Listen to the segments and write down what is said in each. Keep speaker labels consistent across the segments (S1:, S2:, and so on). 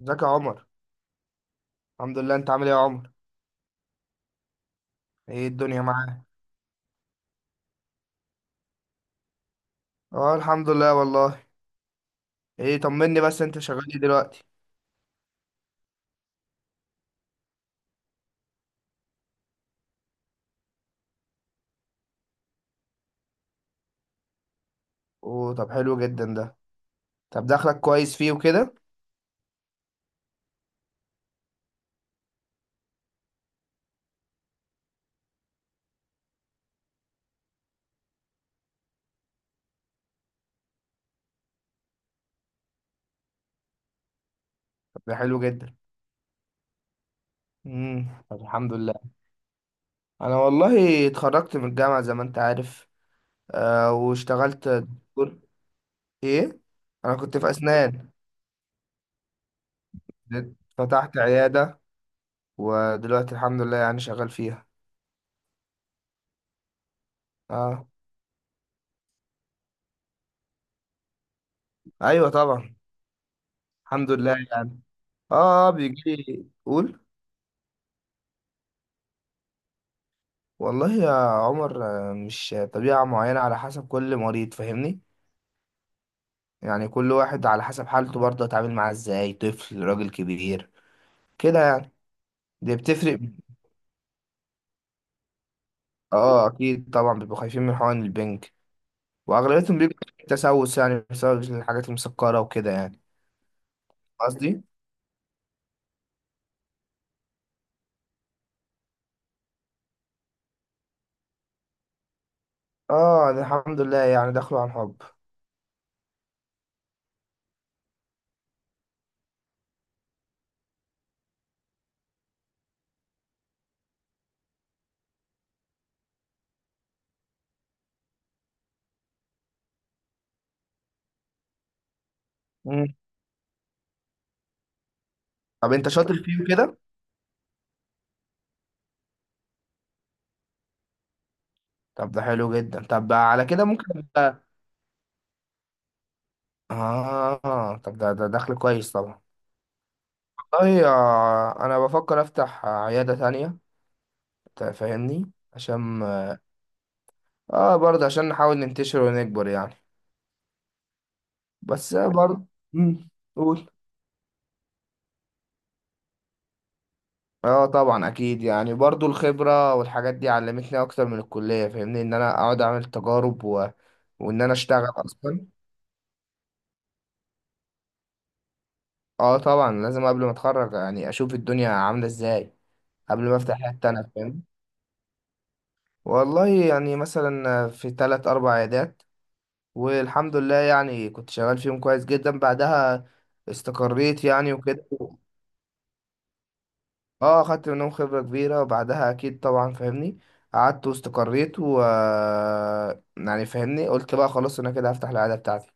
S1: ازيك يا عمر. الحمد لله، انت عامل ايه يا عمر؟ ايه الدنيا معاك؟ اه الحمد لله والله. ايه، طمني بس انت شغال ايه دلوقتي؟ اوه طب حلو جدا ده. طب دخلك كويس فيه وكده؟ طب ده حلو جدا. طب الحمد لله. انا والله اتخرجت من الجامعة زي ما انت عارف. واشتغلت دكتور. ايه؟ انا كنت في اسنان. فتحت عيادة، ودلوقتي الحمد لله يعني شغال فيها. اه. ايوه طبعا. الحمد لله يعني. اه بيجي لي. قول. والله يا عمر، مش طبيعة معينة، على حسب كل مريض فاهمني. يعني كل واحد على حسب حالته برضه اتعامل معاه ازاي، طفل راجل كبير كده يعني. دي بتفرق. اه اكيد طبعا بيبقوا خايفين من حقن البنك، واغلبيتهم بيبقى تسوس يعني بسبب الحاجات المسكرة وكده يعني. قصدي اه ده الحمد لله يعني دخلوا عن حب. مم. طب انت شاطر فيه كده؟ طب ده حلو جدا، طب على كده ممكن اه طب ده دخل كويس طبعا. والله انا بفكر افتح عيادة تانية انت فاهمني عشان اه برضه عشان نحاول ننتشر ونكبر يعني. بس برضه. مم، قول. اه طبعا اكيد يعني، برضه الخبرة والحاجات دي علمتني اكتر من الكلية، فاهمني ان انا اقعد اعمل تجارب وان انا اشتغل اصلا. اه طبعا لازم قبل ما اتخرج يعني اشوف الدنيا عاملة ازاي. قبل ما افتح حتة انا فاهم. والله يعني مثلا في تلات اربع عيادات، والحمد لله يعني كنت شغال فيهم كويس جدا. بعدها استقريت يعني وكده. اه خدت منهم خبرة كبيرة، وبعدها اكيد طبعا فاهمني قعدت واستقريت، و يعني فاهمني قلت بقى خلاص انا كده هفتح العيادة بتاعتي.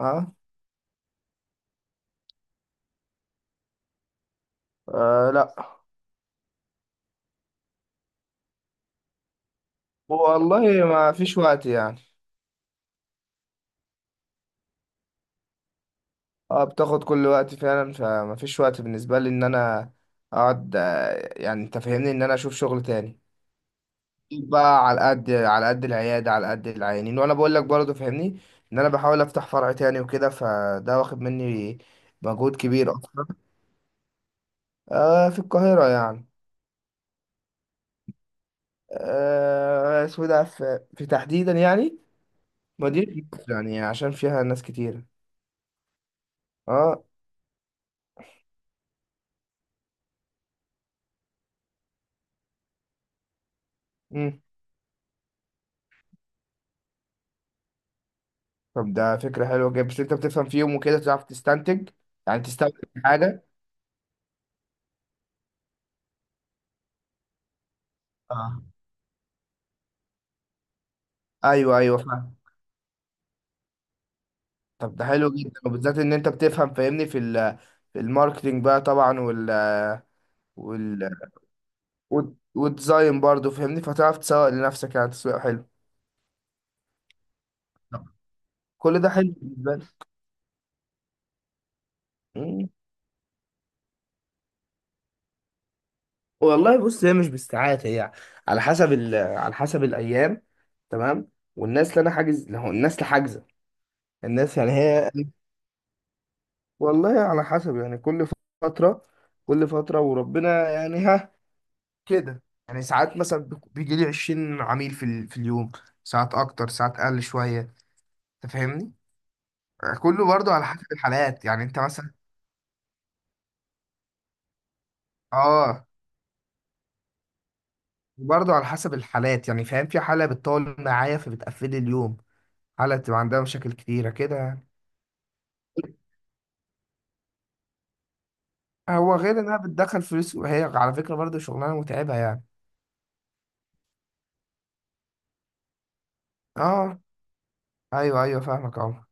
S1: اه. لا. والله ما فيش وقت يعني. اه بتاخد كل وقت فعلا، فما فيش وقت بالنسبة لي ان انا اقعد، يعني انت فاهمني ان انا اشوف شغل تاني. بقى على قد العيادة، على قد العيانين، وانا بقول لك برضه فاهمني ان انا بحاول افتح فرع تاني وكده، فده واخد مني مجهود كبير اصلا. في القاهرة يعني. اسمه ده في تحديدا يعني مدينة نصر، يعني عشان فيها ناس كتير. اه. مم. طب ده فكرة حلوة جدا، بس انت بتفهم فيهم وكده تعرف تستنتج يعني تستنتج حاجة. اه ايوه ايوه فاهم. طب ده حلو جدا وبالذات ان انت بتفهم فاهمني في الماركتينج بقى طبعا. وال وتزين برضه فاهمني، فتعرف تسوق لنفسك يعني تسويق حلو. كل ده حلو بالنسبة لي. مم. والله بص، هي مش بالساعات، هي على حسب الأيام. تمام. والناس اللي أنا حاجز هو الناس اللي حاجزة، الناس يعني هي. والله على حسب يعني كل فترة، وربنا يعني ها كده يعني. ساعات مثلا بيجي لي 20 عميل في اليوم. ساعات أكتر، ساعات أقل شوية. أنت فاهمني. كله برضه على حسب الحالات يعني. أنت مثلا اه. برضه على حسب الحالات يعني فاهم، في حالة بتطول معايا فبتقفلي اليوم، حالة بتبقى عندها مشاكل كتيرة كده يعني. هو غير انها بتدخل فلوس، وهي على فكرة برضه شغلانة متعبة يعني. اه ايوه ايوه فاهمك اه.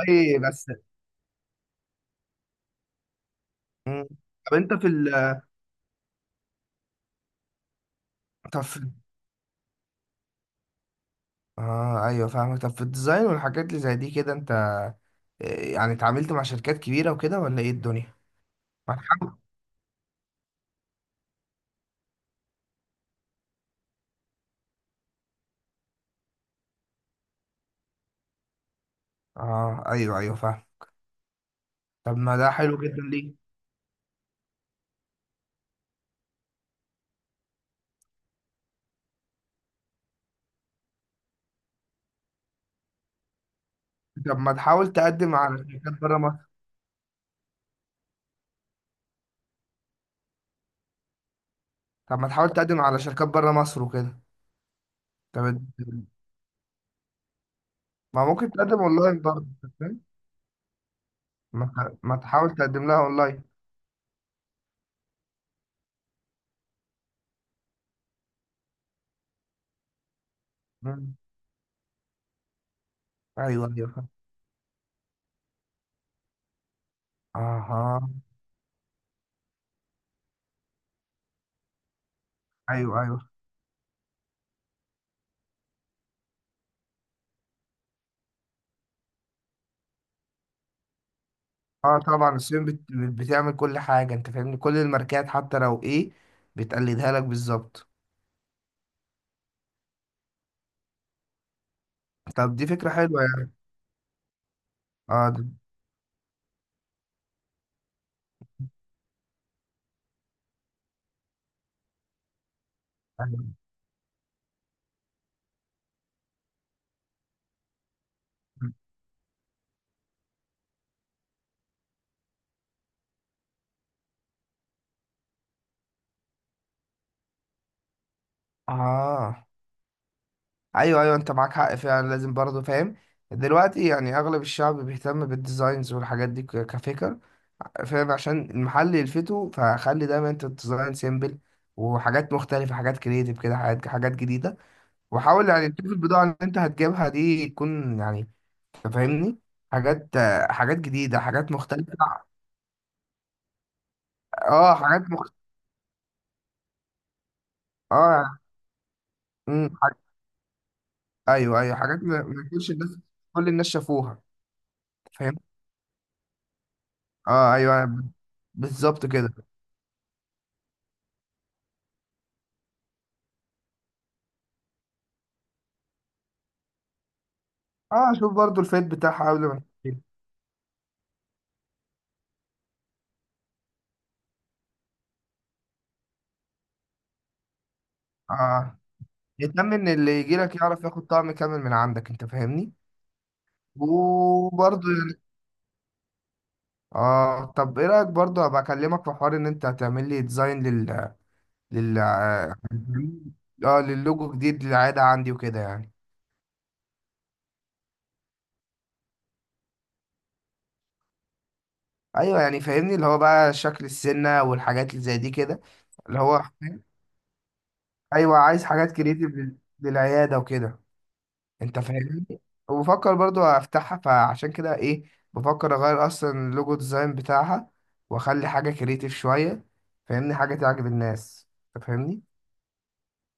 S1: اي بس. مم. طب انت في ال طب في اه ايوه فاهمك. طب في الديزاين والحاجات اللي زي دي كده، انت يعني اتعاملت مع شركات كبيرة وكده ولا ايه الدنيا؟ ما تحاول. اه ايوه ايوه فاهم. طب ما ده حلو جدا ليه؟ طب ما تحاول تقدم على شركات بره مصر. طب ما تحاول تقدم على شركات بره مصر وكده. طب ما ممكن تقدم اونلاين برضه أنت فاهم؟ ما تحاول تقدم لها اونلاين. مم. ايوه ايوه فاهم. اها. ايوه ايوه. اه طبعا الصين بتعمل كل حاجه انت فاهمني، كل الماركات حتى لو ايه بتقلدها لك بالظبط. طب دي فكره حلوه يعني. اه أيوة. اه ايوه ايوه، انت معاك حق فعلا لازم برضه فاهم. دلوقتي يعني اغلب الشعب بيهتم بالديزاينز والحاجات دي كفكر فاهم، عشان المحل يلفته. فخلي دايما انت الديزاين سيمبل، وحاجات مختلفة، حاجات كريتيف كده، حاجات جديدة. وحاول يعني تشوف البضاعة اللي انت هتجيبها دي تكون يعني، أنت فاهمني، حاجات، حاجات جديدة حاجات مختلفة. اه حاجات اه. أمم، حاج... ايوه ايوه، حاجات ما كلش الناس، كل الناس شافوها. فاهم. اه ايوه بالظبط كده. اه شوف برضو الفيت بتاعها قبل ما تشتري. اه يهتم ان اللي يجي لك يعرف ياخد طعم كامل من عندك انت فاهمني. وبرضو يعني اه. طب ايه رايك برضو ابقى اكلمك في حوار ان انت هتعمل لي ديزاين لل لل اه اه، للوجو جديد للعاده عندي وكده يعني. ايوه يعني فاهمني اللي هو بقى شكل السنه والحاجات اللي زي دي كده، اللي هو ايوه عايز حاجات كريتيف للعياده وكده انت فاهمني. وبفكر برضو افتحها، فعشان كده ايه، بفكر اغير اصلا اللوجو ديزاين بتاعها واخلي حاجه كريتيف شويه، فاهمني حاجه تعجب الناس انت فاهمني.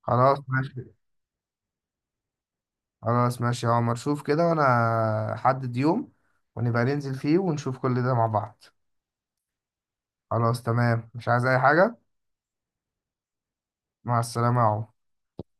S1: خلاص ماشي. خلاص ماشي يا عمر، شوف كده وانا حدد يوم ونبقى ننزل فيه ونشوف كل ده مع بعض. خلاص تمام مش عايز اي حاجه. مع السلامه يا عمر.